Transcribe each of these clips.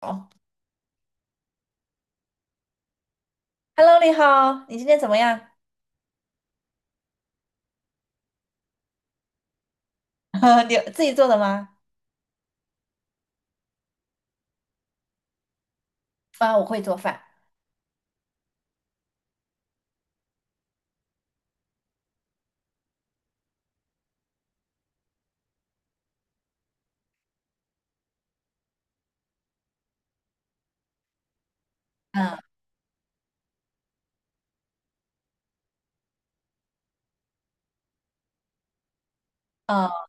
哦，Hello，你好，你今天怎么样？你自己做的吗？啊，我会做饭。嗯嗯，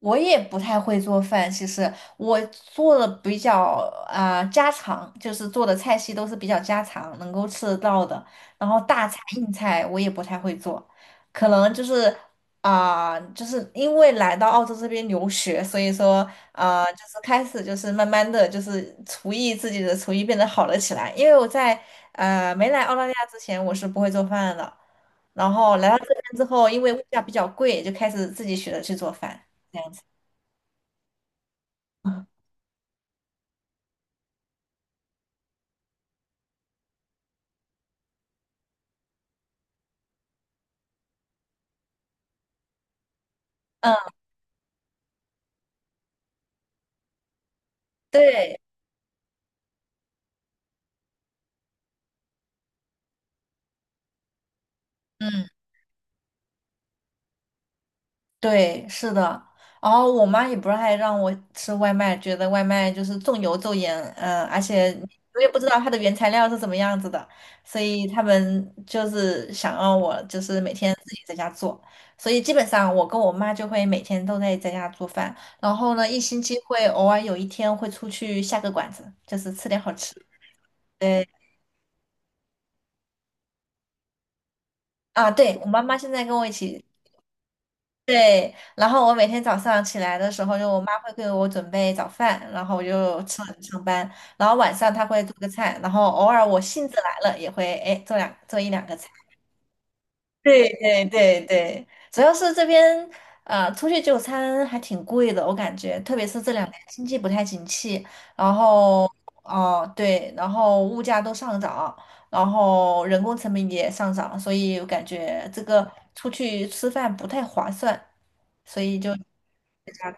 我也不太会做饭，其实我做的比较家常，就是做的菜系都是比较家常，能够吃得到的。然后大菜硬菜我也不太会做，可能就是就是因为来到澳洲这边留学，所以说就是开始就是慢慢的就是自己的厨艺变得好了起来。因为我在没来澳大利亚之前，我是不会做饭的，然后来到这边之后，因为物价比较贵，就开始自己学着去做饭。这样子。嗯，对，嗯，对，是的。然后我妈也不是还让我吃外卖，觉得外卖就是重油重盐，嗯，而且你我也不知道它的原材料是怎么样子的，所以他们就是想让我就是每天自己在家做，所以基本上我跟我妈就会每天都在家做饭，然后呢，一星期会偶尔有一天会出去下个馆子，就是吃点好吃。对啊，对，我妈妈现在跟我一起。对，然后我每天早上起来的时候，就我妈会给我准备早饭，然后我就吃了上班。然后晚上她会做个菜，然后偶尔我兴致来了也会哎做一两个菜。对对对对，主要是这边出去就餐还挺贵的，我感觉，特别是这两年经济不太景气，然后哦对，然后物价都上涨，然后人工成本也上涨，所以我感觉这个出去吃饭不太划算，所以就在家。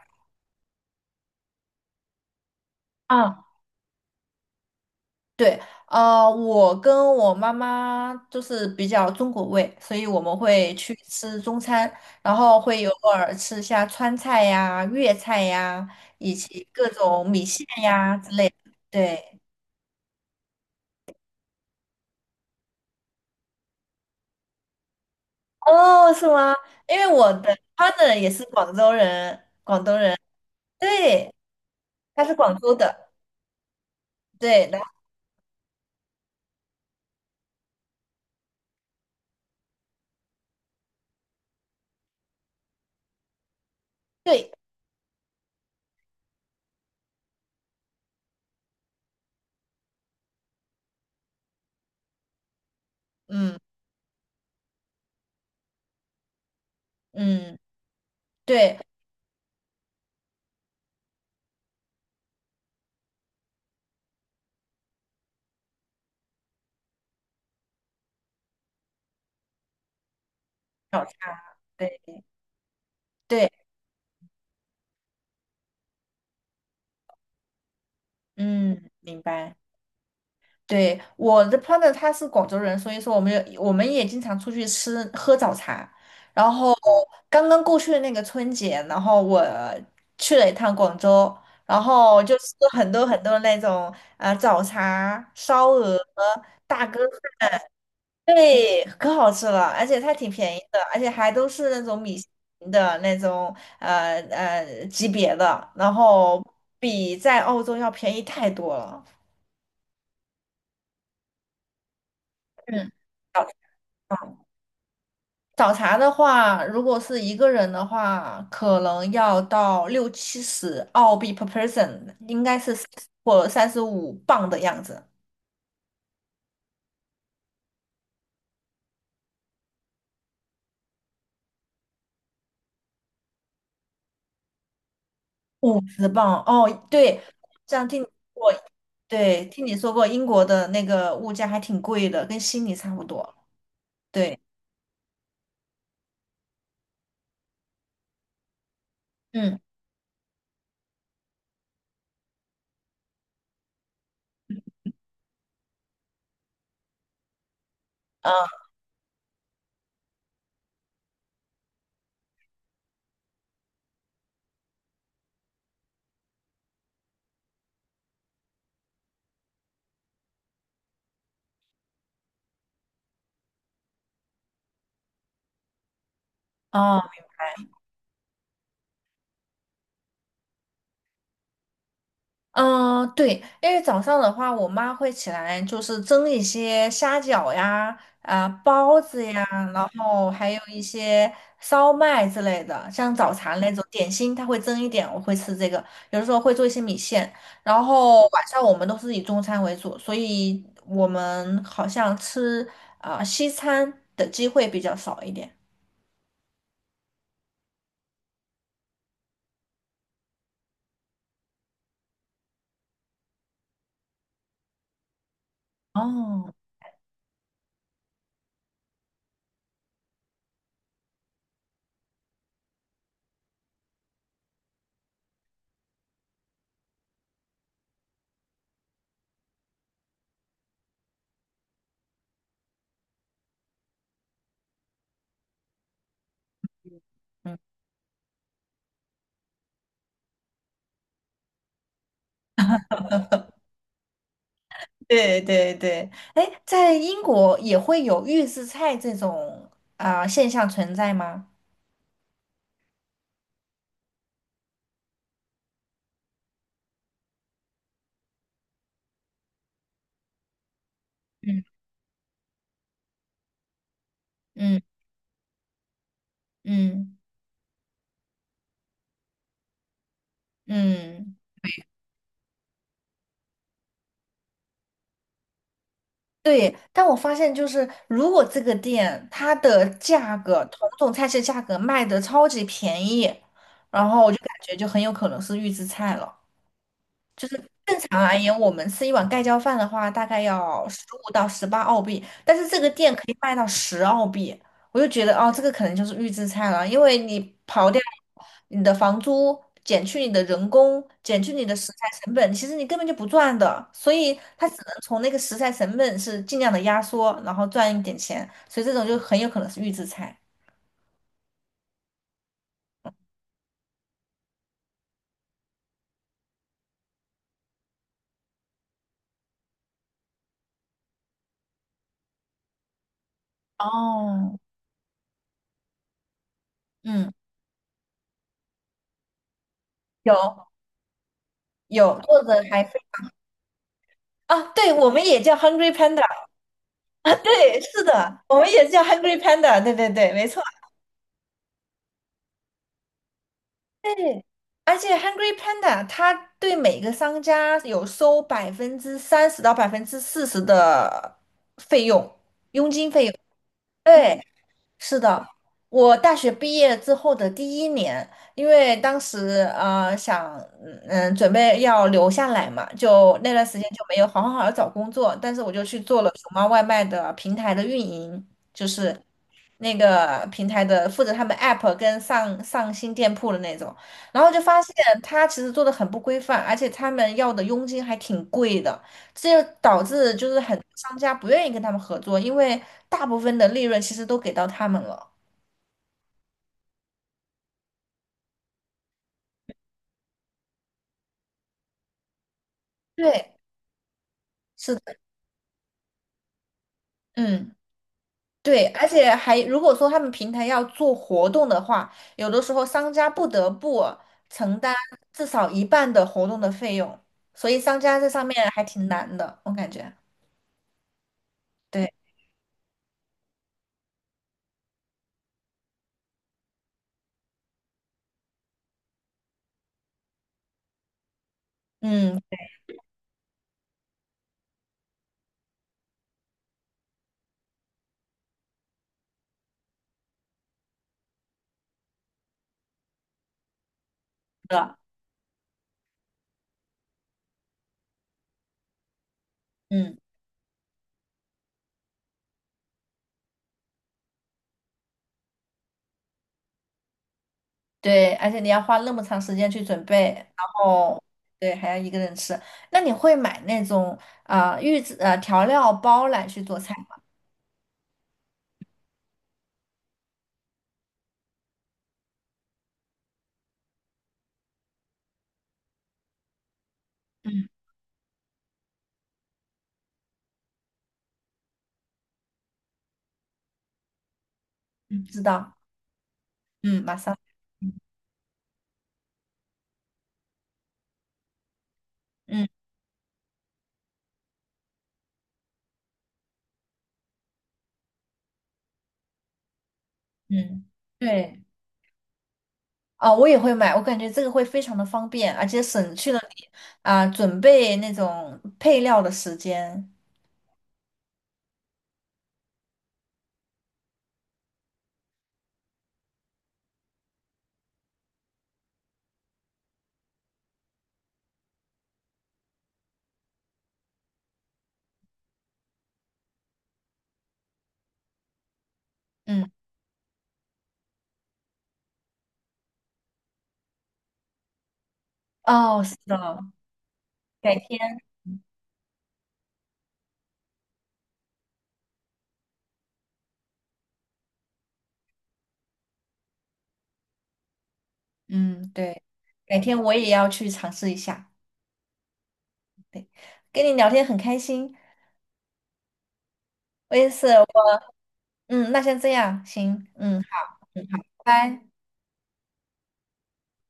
对，啊，我跟我妈妈就是比较中国味，所以我们会去吃中餐，然后会偶尔吃一下川菜呀、粤菜呀，以及各种米线呀之类的。对，哦，是吗？因为我的 partner 也是广州人，广东人，对，他是广州的，对，然后对，嗯嗯，对，早茶，对对，嗯，明白。对，我的 partner 他是广州人，所以说我们也经常出去吃喝早茶。然后刚刚过去的那个春节，然后我去了一趟广州，然后就吃了很多很多那种早茶、烧鹅、大哥饭，对，可好吃了，而且它挺便宜的，而且还都是那种米其林的那种级别的，然后比在澳洲要便宜太多了。嗯。早茶的话，如果是一个人的话，可能要到六七十澳币 per person，应该是或35磅的样子，50磅。哦，对，这样听你说过，对，听你说过英国的那个物价还挺贵的，跟悉尼差不多。对，嗯，啊，哦。嗯，对，因为早上的话，我妈会起来就是蒸一些虾饺呀、包子呀，然后还有一些烧麦之类的，像早茶那种点心，她会蒸一点，我会吃这个。有的时候会做一些米线，然后晚上我们都是以中餐为主，所以我们好像吃西餐的机会比较少一点。哦，嗯。对对对，哎，在英国也会有预制菜这种现象存在吗？嗯嗯嗯嗯，对。但我发现，就是如果这个店它的价格，同种菜式价格卖的超级便宜，然后我就感觉就很有可能是预制菜了。正常而言，我们吃一碗盖浇饭的话，大概要15到18澳币，但是这个店可以卖到十澳币，我就觉得哦，这个可能就是预制菜了，因为你刨掉你的房租，减去你的人工，减去你的食材成本，其实你根本就不赚的，所以它只能从那个食材成本是尽量的压缩，然后赚一点钱，所以这种就很有可能是预制菜。哦，嗯，有有，或者还非啊，对，我们也叫 Hungry Panda。啊，对，是的，我们也叫 Hungry Panda，对对对，没错。对，而且 Hungry Panda 它对每个商家有收30%到40%的费用，佣金费用。对，是的，我大学毕业之后的第一年，因为当时想准备要留下来嘛，就那段时间就没有好好地找工作，但是我就去做了熊猫外卖的平台的运营，就是那个平台的负责他们 app 跟上新店铺的那种，然后就发现他其实做的很不规范，而且他们要的佣金还挺贵的，这就导致就是很多商家不愿意跟他们合作，因为大部分的利润其实都给到他们了。对，是的，嗯，对，而且还如果说他们平台要做活动的话，有的时候商家不得不承担至少一半的活动的费用，所以商家这上面还挺难的，我感觉。对，嗯，是的，嗯。对，而且你要花那么长时间去准备，然后对，还要一个人吃。那你会买那种预制调料包来去做菜吗？嗯嗯，知道，嗯，马上，嗯嗯嗯，对，我也会买，我感觉这个会非常的方便，而且省去了你准备那种配料的时间。嗯，哦，是的，改天，嗯，对，改天我也要去尝试一下。对，跟你聊天很开心，我也是。嗯，那先这样，行，嗯，好，嗯好，拜拜。